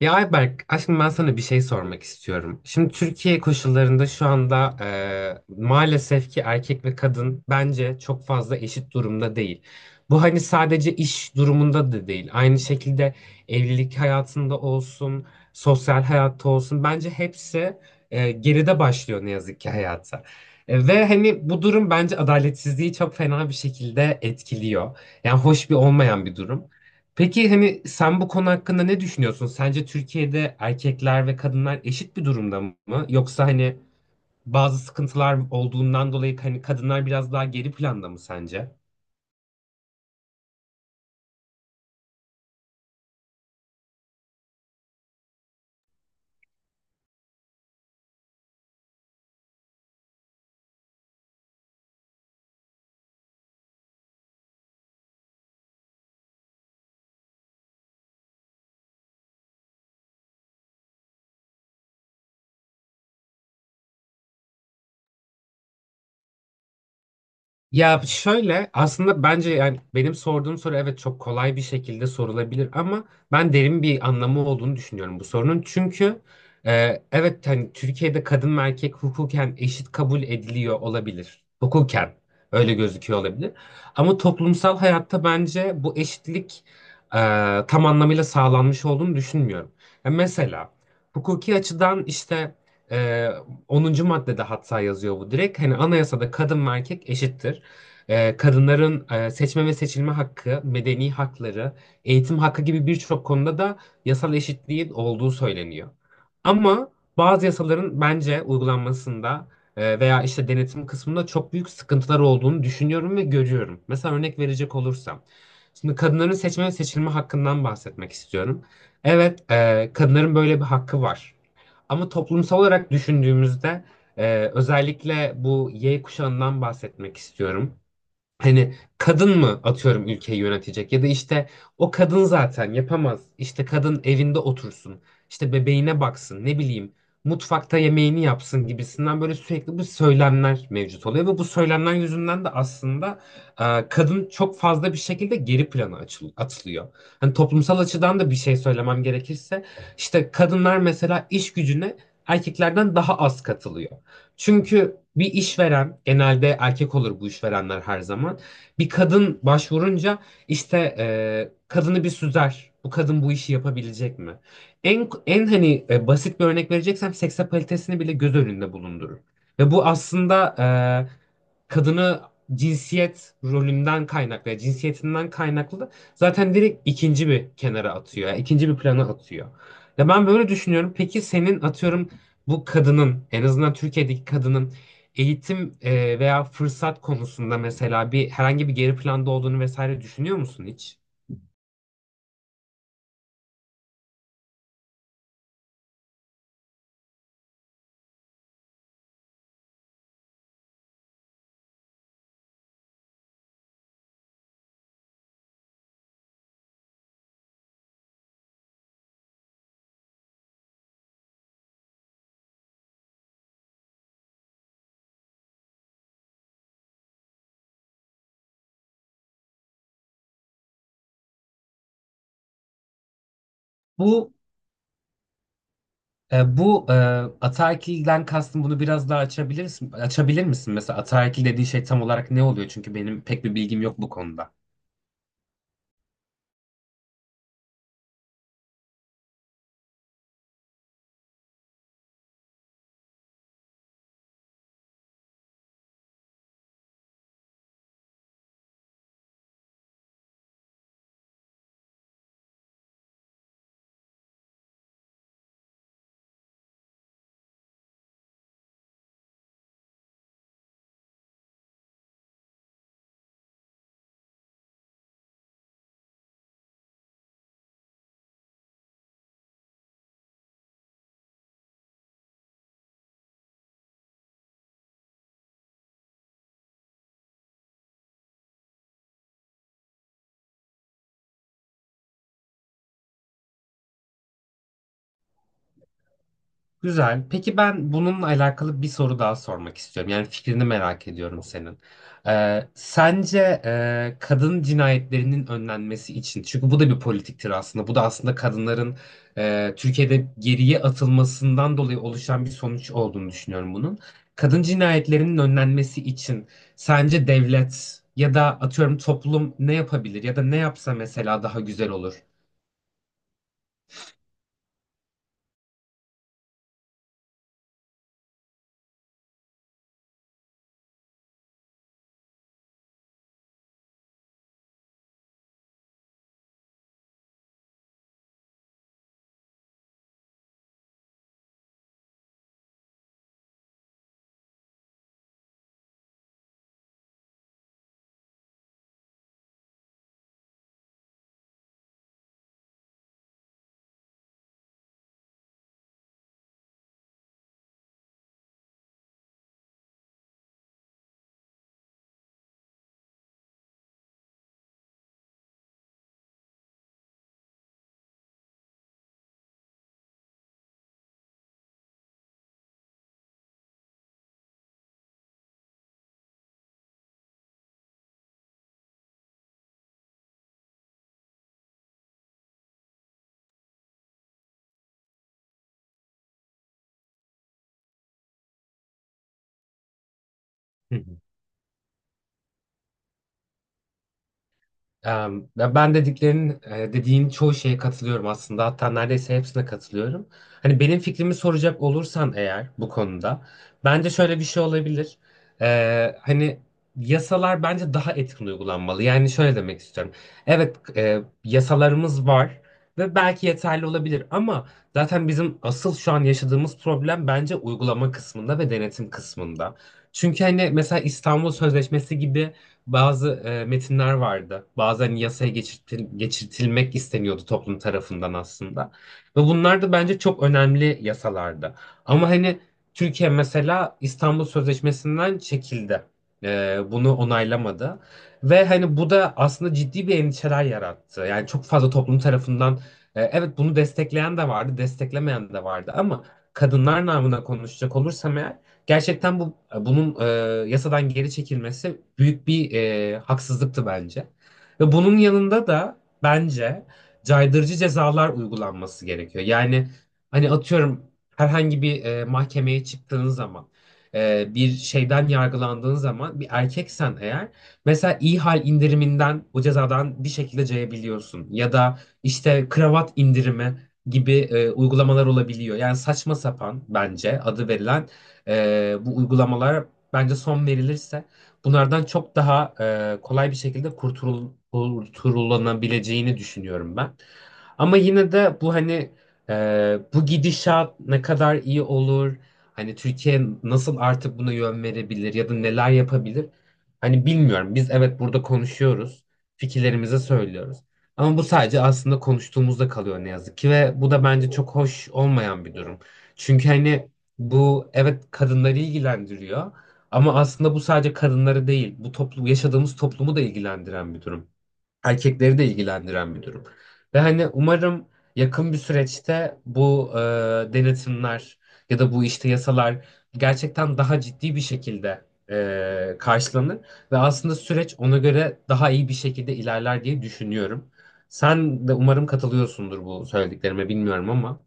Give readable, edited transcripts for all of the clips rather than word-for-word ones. Ya Ayberk, aslında ben sana bir şey sormak istiyorum. Şimdi Türkiye koşullarında şu anda maalesef ki erkek ve kadın bence çok fazla eşit durumda değil. Bu hani sadece iş durumunda da değil. Aynı şekilde evlilik hayatında olsun, sosyal hayatta olsun. Bence hepsi geride başlıyor ne yazık ki hayata. Ve hani bu durum bence adaletsizliği çok fena bir şekilde etkiliyor. Yani hoş bir olmayan bir durum. Peki hani sen bu konu hakkında ne düşünüyorsun? Sence Türkiye'de erkekler ve kadınlar eşit bir durumda mı? Yoksa hani bazı sıkıntılar olduğundan dolayı hani kadınlar biraz daha geri planda mı sence? Ya şöyle aslında bence yani benim sorduğum soru evet çok kolay bir şekilde sorulabilir ama ben derin bir anlamı olduğunu düşünüyorum bu sorunun. Çünkü evet hani Türkiye'de kadın ve erkek hukuken eşit kabul ediliyor olabilir. Hukuken öyle gözüküyor olabilir. Ama toplumsal hayatta bence bu eşitlik e, tam anlamıyla sağlanmış olduğunu düşünmüyorum. Ya mesela hukuki açıdan işte e, 10. maddede hatta yazıyor bu direkt. Hani anayasada kadın ve erkek eşittir. Kadınların seçme ve seçilme hakkı, medeni hakları, eğitim hakkı gibi birçok konuda da yasal eşitliğin olduğu söyleniyor. Ama bazı yasaların bence uygulanmasında veya işte denetim kısmında çok büyük sıkıntılar olduğunu düşünüyorum ve görüyorum. Mesela örnek verecek olursam. Şimdi kadınların seçme ve seçilme hakkından bahsetmek istiyorum. Evet, kadınların böyle bir hakkı var. Ama toplumsal olarak düşündüğümüzde özellikle bu Y kuşağından bahsetmek istiyorum. Hani kadın mı atıyorum ülkeyi yönetecek ya da işte o kadın zaten yapamaz. İşte kadın evinde otursun. İşte bebeğine baksın ne bileyim mutfakta yemeğini yapsın gibisinden böyle sürekli bu söylemler mevcut oluyor ve bu söylemler yüzünden de aslında kadın çok fazla bir şekilde geri plana atılıyor. Hani toplumsal açıdan da bir şey söylemem gerekirse işte kadınlar mesela iş gücüne erkeklerden daha az katılıyor. Çünkü bir işveren genelde erkek olur bu işverenler her zaman. Bir kadın başvurunca işte kadını bir süzer. Bu kadın bu işi yapabilecek mi? En hani basit bir örnek vereceksem seksapalitesini bile göz önünde bulundurur. Ve bu aslında kadını cinsiyet rolünden kaynaklı, yani cinsiyetinden kaynaklı zaten direkt ikinci bir kenara atıyor. Yani ikinci bir plana atıyor. Ya ben böyle düşünüyorum. Peki senin atıyorum bu kadının en azından Türkiye'deki kadının eğitim veya fırsat konusunda mesela bir herhangi bir geri planda olduğunu vesaire düşünüyor musun hiç? Bu e, bu e, Ataerkilden kastım bunu biraz daha açabilir misin? Mesela ataerkil dediği şey tam olarak ne oluyor? Çünkü benim pek bir bilgim yok bu konuda. Güzel. Peki ben bununla alakalı bir soru daha sormak istiyorum. Yani fikrini merak ediyorum senin. Sence kadın cinayetlerinin önlenmesi için, çünkü bu da bir politiktir aslında. Bu da aslında kadınların Türkiye'de geriye atılmasından dolayı oluşan bir sonuç olduğunu düşünüyorum bunun. Kadın cinayetlerinin önlenmesi için sence devlet ya da atıyorum toplum ne yapabilir ya da ne yapsa mesela daha güzel olur? Ya ben dediğin çoğu şeye katılıyorum aslında. Hatta neredeyse hepsine katılıyorum. Hani benim fikrimi soracak olursan eğer bu konuda bence şöyle bir şey olabilir. Hani yasalar bence daha etkin uygulanmalı. Yani şöyle demek istiyorum. Evet, yasalarımız var ve belki yeterli olabilir ama zaten bizim asıl şu an yaşadığımız problem bence uygulama kısmında ve denetim kısmında. Çünkü hani mesela İstanbul Sözleşmesi gibi bazı metinler vardı. Bazen yasaya geçirtilmek isteniyordu toplum tarafından aslında. Ve bunlar da bence çok önemli yasalardı. Ama hani Türkiye mesela İstanbul Sözleşmesi'nden çekildi. Bunu onaylamadı. Ve hani bu da aslında ciddi bir endişeler yarattı. Yani çok fazla toplum tarafından evet bunu destekleyen de vardı, desteklemeyen de vardı ama kadınlar namına konuşacak olursam eğer gerçekten bunun yasadan geri çekilmesi büyük bir haksızlıktı bence. Ve bunun yanında da bence caydırıcı cezalar uygulanması gerekiyor. Yani hani atıyorum herhangi bir mahkemeye çıktığın zaman bir şeyden yargılandığın zaman bir erkeksen eğer mesela iyi hal indiriminden o cezadan bir şekilde cayabiliyorsun ya da işte kravat indirimi gibi uygulamalar olabiliyor. Yani saçma sapan bence adı verilen bu uygulamalar bence son verilirse bunlardan çok daha kolay bir şekilde kurtulanabileceğini düşünüyorum ben. Ama yine de bu hani bu gidişat ne kadar iyi olur, hani Türkiye nasıl artık buna yön verebilir ya da neler yapabilir? Hani bilmiyorum. Biz evet burada konuşuyoruz, fikirlerimizi söylüyoruz. Ama bu sadece aslında konuştuğumuzda kalıyor ne yazık ki ve bu da bence çok hoş olmayan bir durum. Çünkü hani bu evet kadınları ilgilendiriyor ama aslında bu sadece kadınları değil, bu yaşadığımız toplumu da ilgilendiren bir durum. Erkekleri de ilgilendiren bir durum. Ve hani umarım yakın bir süreçte bu denetimler ya da bu işte yasalar gerçekten daha ciddi bir şekilde karşılanır ve aslında süreç ona göre daha iyi bir şekilde ilerler diye düşünüyorum. Sen de umarım katılıyorsundur bu söylediklerime bilmiyorum ama.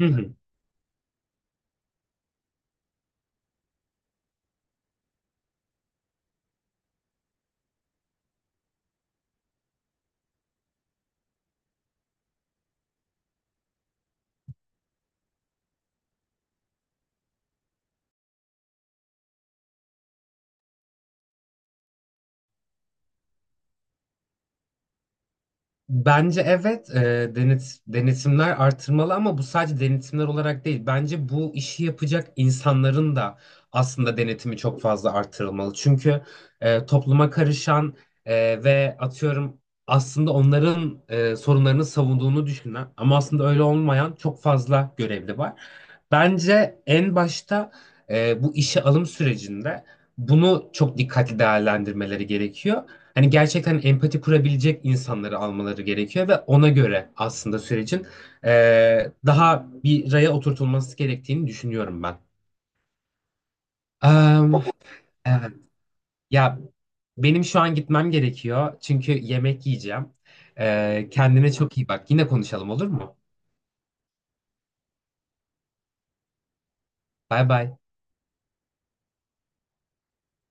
Hı hı. Bence evet, denetimler artırmalı ama bu sadece denetimler olarak değil. Bence bu işi yapacak insanların da aslında denetimi çok fazla artırılmalı. Çünkü topluma karışan ve atıyorum aslında onların sorunlarını savunduğunu düşünen ama aslında öyle olmayan çok fazla görevli var. Bence en başta bu işe alım sürecinde bunu çok dikkatli değerlendirmeleri gerekiyor. Hani gerçekten empati kurabilecek insanları almaları gerekiyor ve ona göre aslında sürecin daha bir raya oturtulması gerektiğini düşünüyorum ben. Em, evet. Ya benim şu an gitmem gerekiyor çünkü yemek yiyeceğim. Kendine çok iyi bak. Yine konuşalım, olur mu? Bay bay.